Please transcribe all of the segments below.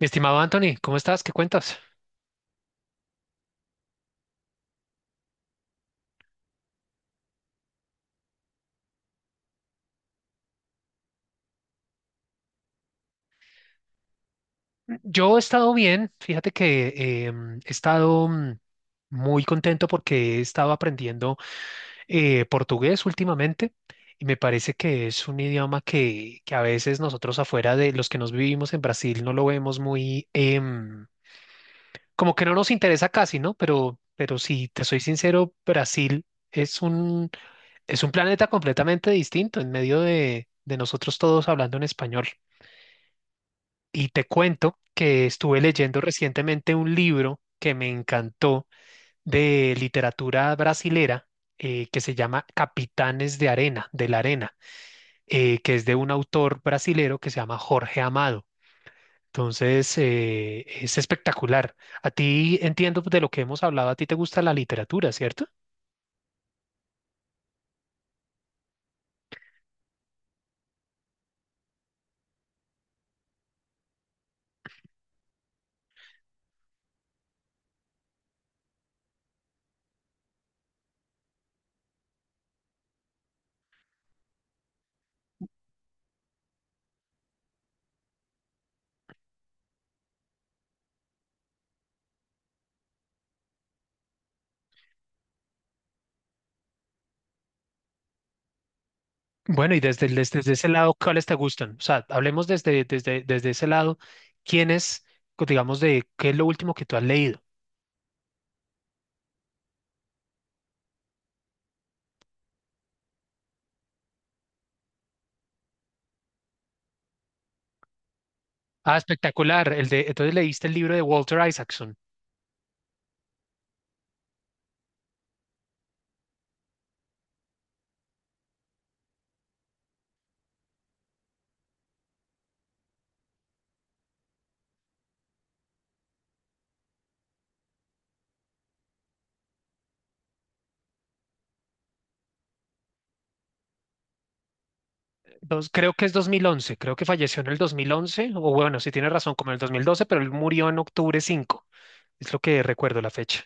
Mi estimado Anthony, ¿cómo estás? ¿Qué cuentas? Yo he estado bien, fíjate que he estado muy contento porque he estado aprendiendo portugués últimamente y me parece que es un idioma que a veces nosotros afuera de los que nos vivimos en Brasil no lo vemos muy, como que no nos interesa casi, ¿no? Pero si te soy sincero, Brasil es un, es un planeta completamente distinto en medio de nosotros todos hablando en español. Y te cuento que estuve leyendo recientemente un libro que me encantó de literatura brasilera que se llama Capitanes de Arena, de la Arena, que es de un autor brasilero que se llama Jorge Amado. Entonces, es espectacular. A ti entiendo de lo que hemos hablado, a ti te gusta la literatura, ¿cierto? Bueno, y desde ese lado, ¿cuáles te gustan? O sea, hablemos desde ese lado, ¿quiénes, digamos, de qué es lo último que tú has leído? Ah, espectacular. El de, entonces leíste el libro de Walter Isaacson. Creo que es 2011. Creo que falleció en el 2011. O bueno, si tienes razón, como en el 2012, pero él murió en octubre 5. Es lo que recuerdo la fecha.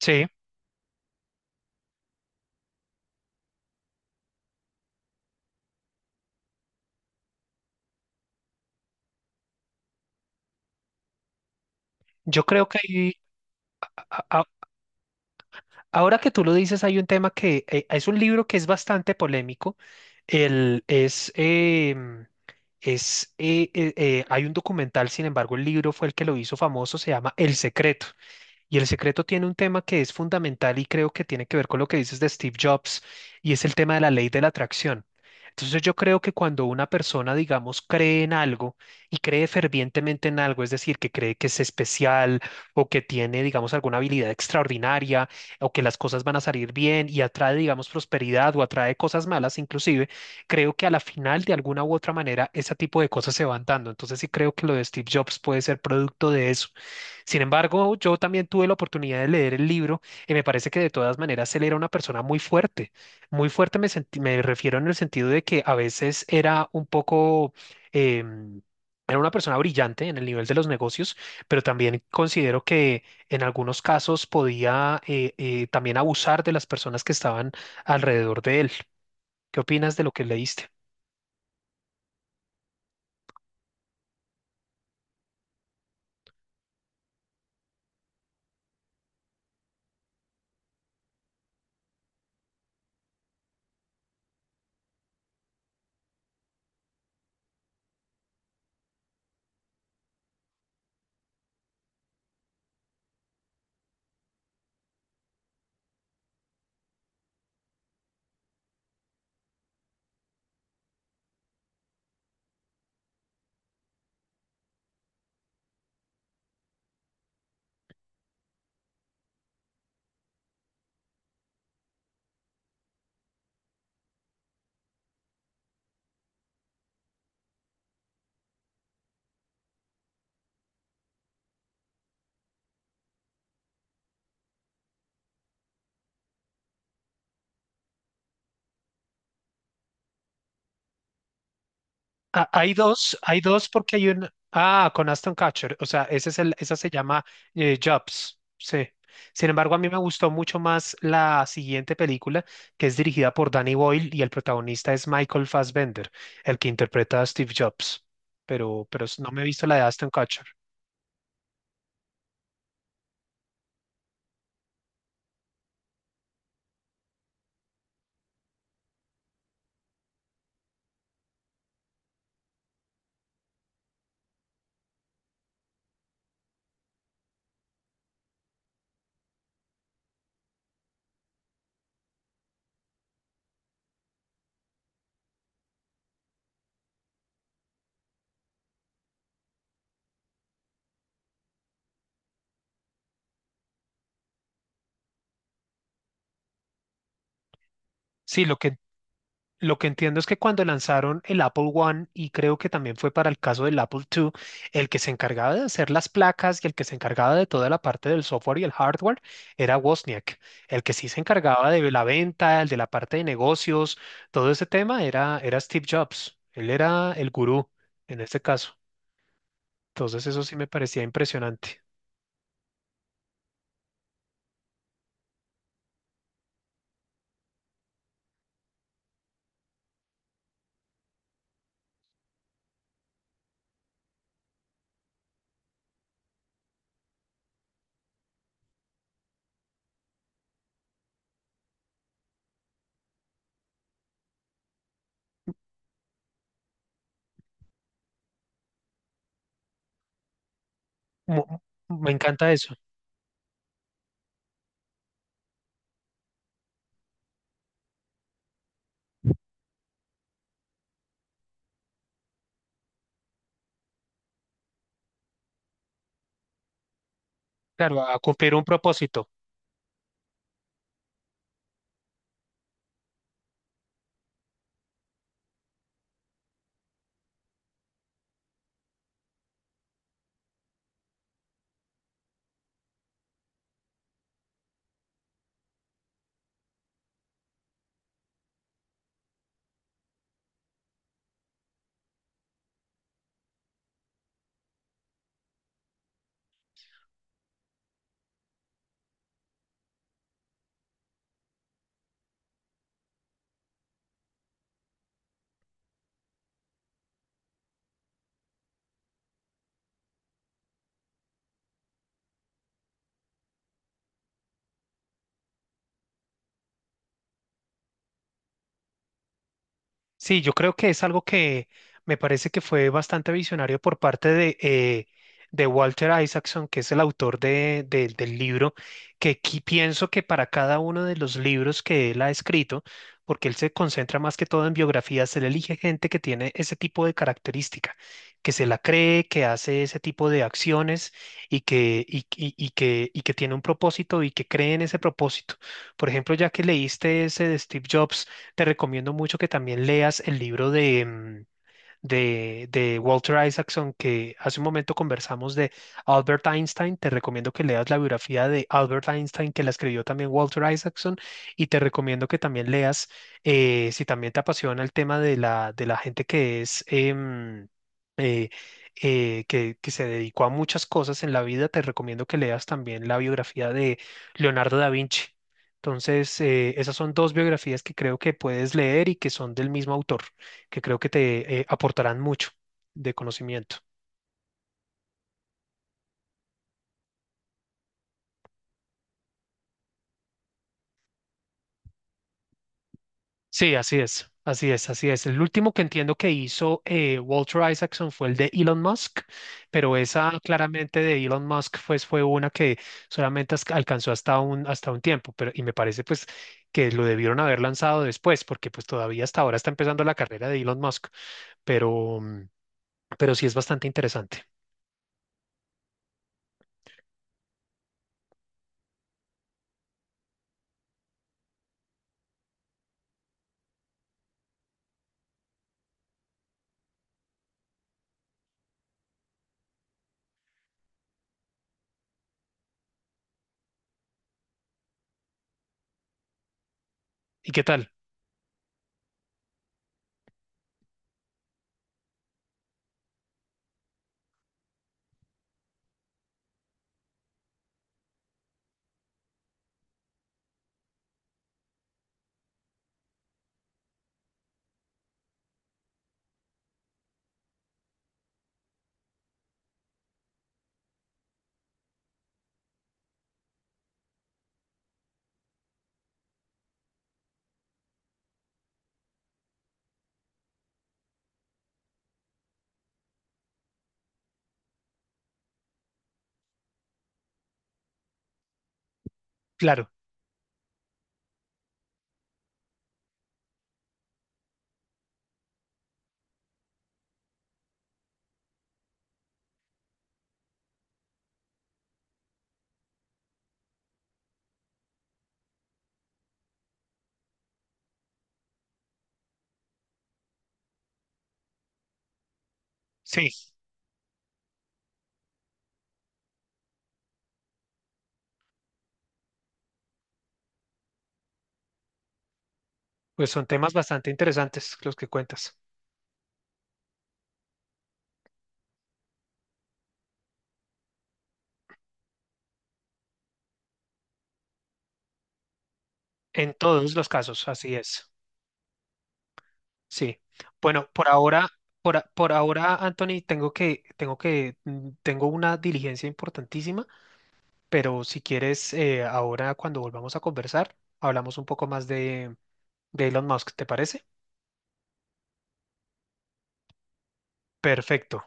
Sí, yo creo que a- a- ahora que tú lo dices, hay un tema que es un libro que es bastante polémico. El, es, em, es, hay un documental, sin embargo, el libro fue el que lo hizo famoso, se llama El Secreto. Y el secreto tiene un tema que es fundamental y creo que tiene que ver con lo que dices de Steve Jobs y es el tema de la ley de la atracción. Entonces yo creo que cuando una persona, digamos, cree en algo y cree fervientemente en algo, es decir, que cree que es especial o que tiene, digamos, alguna habilidad extraordinaria o que las cosas van a salir bien y atrae, digamos, prosperidad o atrae cosas malas inclusive, creo que a la final, de alguna u otra manera, ese tipo de cosas se van dando. Entonces sí creo que lo de Steve Jobs puede ser producto de eso. Sin embargo, yo también tuve la oportunidad de leer el libro y me parece que de todas maneras él era una persona muy fuerte. Muy fuerte me refiero en el sentido de que a veces era un poco... em, Era una persona brillante en el nivel de los negocios, pero también considero que en algunos casos podía también abusar de las personas que estaban alrededor de él. ¿Qué opinas de lo que leíste? Ah, hay dos porque hay un... Ah, con Aston Catcher, o sea, ese es el, esa se llama Jobs, sí. Sin embargo, a mí me gustó mucho más la siguiente película, que es dirigida por Danny Boyle y el protagonista es Michael Fassbender, el que interpreta a Steve Jobs. Pero no me he visto la de Aston Catcher. Sí, lo que Lo que entiendo es que cuando lanzaron el Apple One, y creo que también fue para el caso del Apple II, el que se encargaba de hacer las placas y el que se encargaba de toda la parte del software y el hardware era Wozniak. El que sí se encargaba de la venta, el de la parte de negocios, todo ese tema era Steve Jobs. Él era el gurú en este caso. Entonces eso sí me parecía impresionante. Mu- Me encanta eso. Claro, a cumplir un propósito. Sí, yo creo que es algo que me parece que fue bastante visionario por parte de Walter Isaacson, que es el autor del libro, que pienso que para cada uno de los libros que él ha escrito, porque él se concentra más que todo en biografías, él elige gente que tiene ese tipo de característica, que se la cree, que hace ese tipo de acciones y que tiene un propósito y que cree en ese propósito. Por ejemplo, ya que leíste ese de Steve Jobs, te recomiendo mucho que también leas el libro de Walter Isaacson, que hace un momento conversamos de Albert Einstein. Te recomiendo que leas la biografía de Albert Einstein, que la escribió también Walter Isaacson. Y te recomiendo que también leas, si también te apasiona el tema de la gente que es... eh, que se dedicó a muchas cosas en la vida, te recomiendo que leas también la biografía de Leonardo da Vinci. Entonces, esas son dos biografías que creo que puedes leer y que son del mismo autor, que creo que te aportarán mucho de conocimiento. Sí, así es, así es, así es. El último que entiendo que hizo Walter Isaacson fue el de Elon Musk, pero esa claramente de Elon Musk pues, fue una que solamente alcanzó hasta hasta un tiempo, pero y me parece pues que lo debieron haber lanzado después, porque pues todavía hasta ahora está empezando la carrera de Elon Musk, pero, pero sí es bastante interesante. ¿Y qué tal? Claro, sí, pues son temas bastante interesantes los que cuentas. En todos los casos, así es. Sí. Bueno, por ahora, por ahora, Anthony, tengo una diligencia importantísima, pero si quieres, ahora cuando volvamos a conversar, hablamos un poco más de Elon Musk, ¿te parece? Perfecto.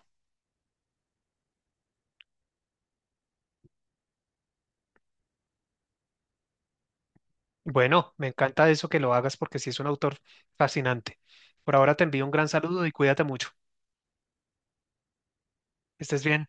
Bueno, me encanta eso que lo hagas porque sí es un autor fascinante. Por ahora te envío un gran saludo y cuídate mucho. Estés bien.